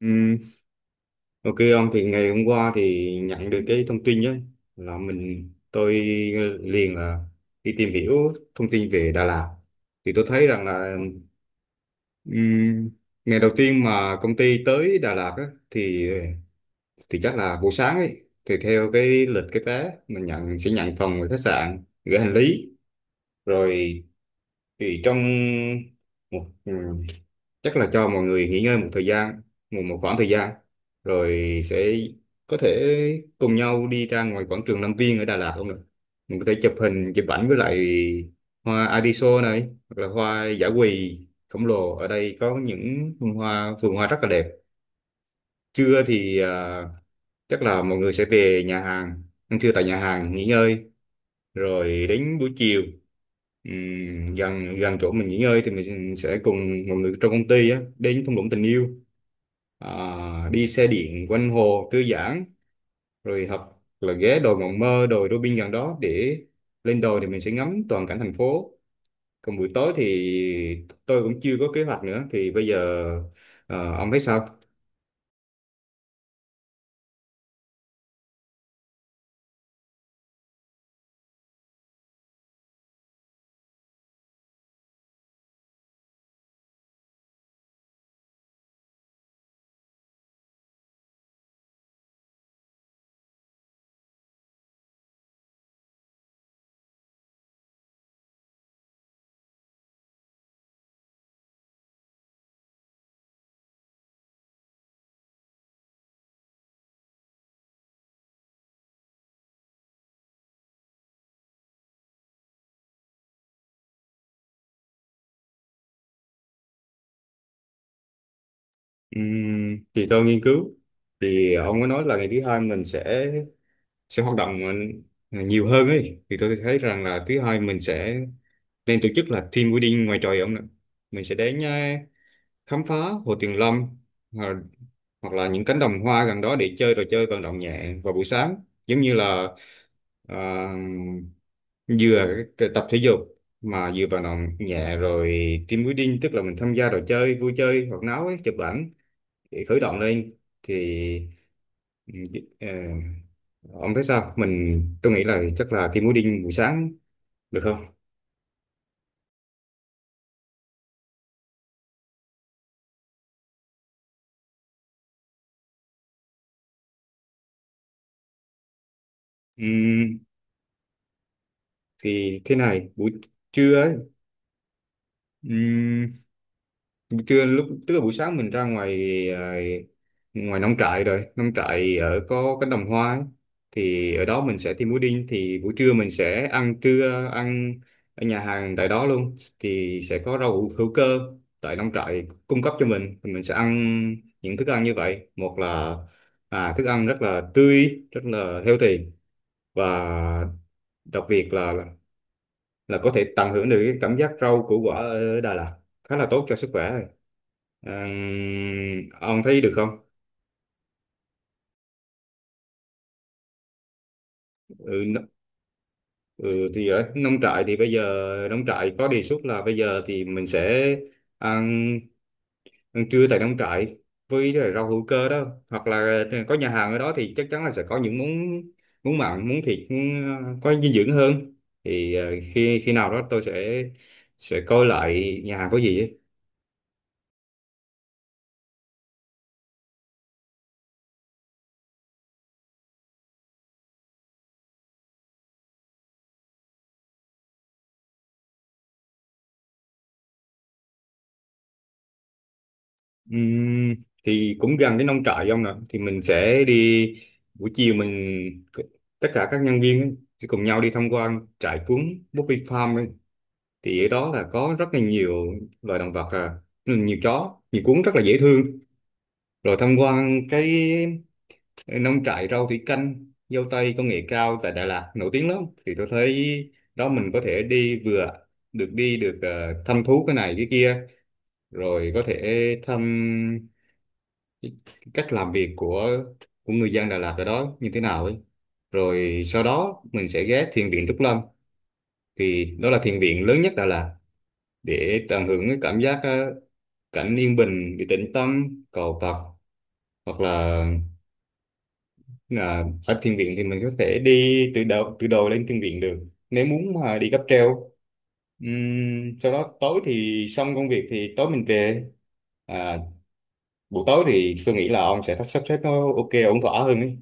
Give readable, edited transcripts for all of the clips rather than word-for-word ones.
Ừ, ok ông, thì ngày hôm qua thì nhận được cái thông tin ấy là mình tôi liền là đi tìm hiểu thông tin về Đà Lạt. Thì tôi thấy rằng là ừm, ngày đầu tiên mà công ty tới Đà Lạt á, thì thì chắc là buổi sáng ấy thì theo cái lịch cái vé mình nhận sẽ nhận phòng ở khách sạn, gửi hành lý rồi. Thì trong chắc là cho mọi người nghỉ ngơi một thời gian, một một khoảng thời gian, rồi sẽ có thể cùng nhau đi ra ngoài quảng trường Lâm Viên ở Đà Lạt. Không được, mình có thể chụp hình chụp ảnh với lại hoa Adiso này, hoặc là hoa dã quỳ khổng lồ. Ở đây có những vườn hoa rất là đẹp. Trưa thì chắc là mọi người sẽ về nhà hàng ăn trưa, tại nhà hàng nghỉ ngơi. Rồi đến buổi chiều, gần gần chỗ mình nghỉ ngơi thì mình sẽ cùng mọi người trong công ty á đến thung lũng tình yêu, đi xe điện quanh hồ thư giãn, rồi hoặc là ghé đồi Mộng Mơ, đồi Robin gần đó để lên đồi thì mình sẽ ngắm toàn cảnh thành phố. Còn buổi tối thì tôi cũng chưa có kế hoạch nữa, thì bây giờ ông thấy sao? Thì tôi nghiên cứu, thì ông có nói là ngày thứ hai mình sẽ hoạt động nhiều hơn ấy, thì tôi thấy rằng là thứ hai mình sẽ nên tổ chức là team building ngoài trời ông ạ. Mình sẽ đến khám phá Hồ Tuyền Lâm, ờ, hoặc là những cánh đồng hoa gần đó để chơi trò chơi vận động nhẹ vào buổi sáng, giống như là à, vừa cái tập thể dục, mà vừa vận động nhẹ. Rồi team building tức là mình tham gia trò chơi vui chơi hoạt náo ấy, chụp ảnh để khởi động lên. Thì ừ, ờ, ông thấy sao? Mình, tôi nghĩ là chắc là team building buổi sáng được không? Ừm, thì thế này, buổi trưa ấy. Trưa lúc tức là buổi sáng mình ra ngoài, à, ngoài nông trại, rồi nông trại ở có cánh đồng hoa ấy. Thì ở đó mình sẽ thêm pudding, thì buổi trưa mình sẽ ăn trưa, ăn ở nhà hàng tại đó luôn, thì sẽ có rau hữu hữu cơ tại nông trại cung cấp cho mình. Thì mình sẽ ăn những thức ăn như vậy. Một là thức ăn rất là tươi, rất là healthy, và đặc biệt là có thể tận hưởng được cái cảm giác rau củ quả ở Đà Lạt khá là tốt cho sức khỏe. À, ông thấy được không? Ừ, n- ừ, thì ở nông trại thì bây giờ nông trại có đề xuất là bây giờ thì mình sẽ ăn, ăn trưa tại nông trại với lại rau hữu cơ đó, hoặc là có nhà hàng ở đó thì chắc chắn là sẽ có những món món mặn, món thịt, món, có dinh dưỡng hơn. Thì khi khi nào đó tôi sẽ coi lại nhà hàng có gì ấy. Ừm, thì cũng gần cái nông trại ông nè, thì mình sẽ đi, buổi chiều mình c- tất cả các nhân viên ấy, sẽ cùng nhau đi tham quan trại cuốn Bobby Farm ấy. Thì ở đó là có rất là nhiều loài động vật, à, nhiều chó nhiều cuốn rất là dễ thương. Rồi tham quan cái nông trại rau thủy canh, dâu tây công nghệ cao tại Đà Lạt nổi tiếng lắm. Thì tôi thấy đó, mình có thể đi, vừa được đi, được thăm thú cái này cái kia, rồi có thể thăm cái cách làm việc của người dân Đà Lạt ở đó như thế nào ấy. Rồi sau đó mình sẽ ghé thiền viện Trúc Lâm, thì đó là thiền viện lớn nhất Đà Lạt, để tận hưởng cái cảm giác cảnh yên bình, để tĩnh tâm cầu Phật. Hoặc là ở thiền viện thì mình có thể đi từ đầu lên thiền viện được, nếu muốn mà đi cáp treo. Sau đó tối thì xong công việc thì tối mình về, à, buổi tối thì tôi nghĩ là ông sẽ sắp xếp nó ok ổn thỏa hơn ấy.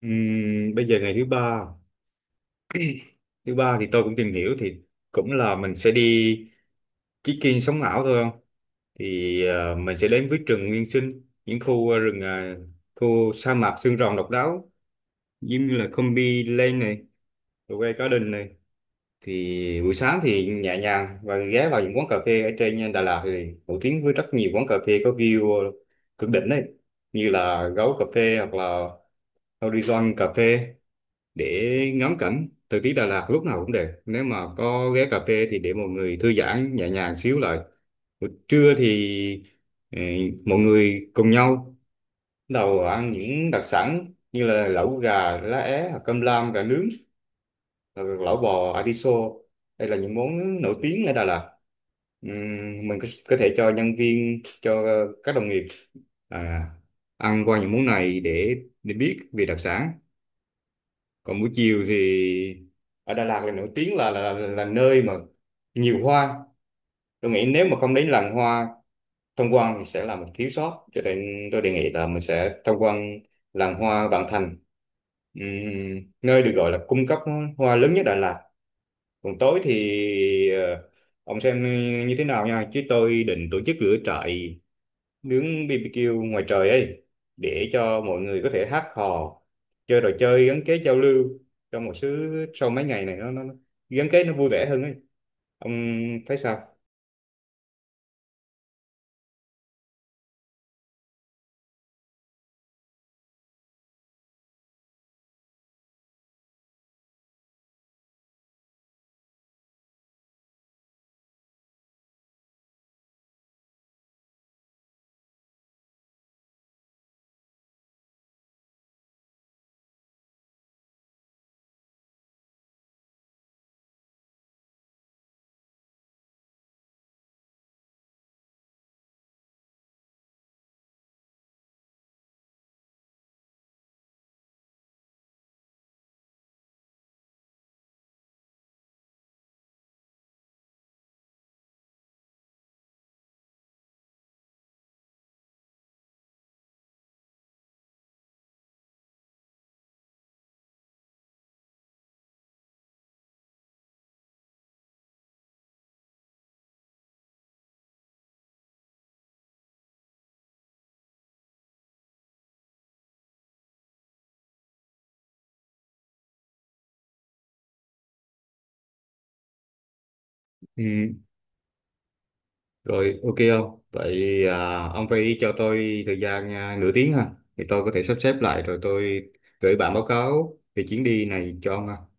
Bây giờ ngày thứ ba thứ ba thì tôi cũng tìm hiểu, thì cũng là mình sẽ đi trekking sống ảo thôi không. Thì mình sẽ đến với rừng nguyên sinh, những khu rừng, khu sa mạc xương rồng độc đáo, giống như là Combi Lane này, Quay Garden này. Thì buổi sáng thì nhẹ nhàng và ghé vào những quán cà phê ở trên, Đà Lạt thì nổi tiếng với rất nhiều quán cà phê có view cực đỉnh đấy, như là Gấu Cà Phê hoặc là Horizon Cà Phê, để ngắm cảnh. Thời tiết Đà Lạt lúc nào cũng đẹp, nếu mà có ghé cà phê thì để mọi người thư giãn nhẹ nhàng xíu lại. Buổi trưa thì ừ, mọi người cùng nhau đầu ăn những đặc sản như là lẩu gà lá é, hoặc cơm lam gà nướng, hoặc lẩu bò atiso. Đây là những món nổi tiếng ở Đà Lạt. Mình có thể cho nhân viên, cho các đồng nghiệp à, ăn qua những món này để biết về đặc sản. Còn buổi chiều thì ở Đà Lạt là nổi tiếng là là nơi mà nhiều hoa. Tôi nghĩ nếu mà không đến làng hoa tham quan thì sẽ là một thiếu sót, cho nên tôi đề nghị là mình sẽ tham quan làng hoa Vạn Thành, nơi được gọi là cung cấp hoa lớn nhất Đà Lạt. Còn tối thì ờ, ông xem như thế nào nha, chứ tôi định tổ chức lửa trại, nướng BBQ ngoài trời ấy, để cho mọi người có thể hát hò, chơi trò chơi gắn kết giao lưu trong một số. Sau mấy ngày này nó, nó gắn kết, nó vui vẻ hơn ấy. Ông thấy sao? Ừ, rồi ok không? Vậy à, ông phải cho tôi thời gian, à, nửa tiếng ha, thì tôi có thể sắp xếp lại rồi tôi gửi bản báo cáo về chuyến đi này cho ông ha.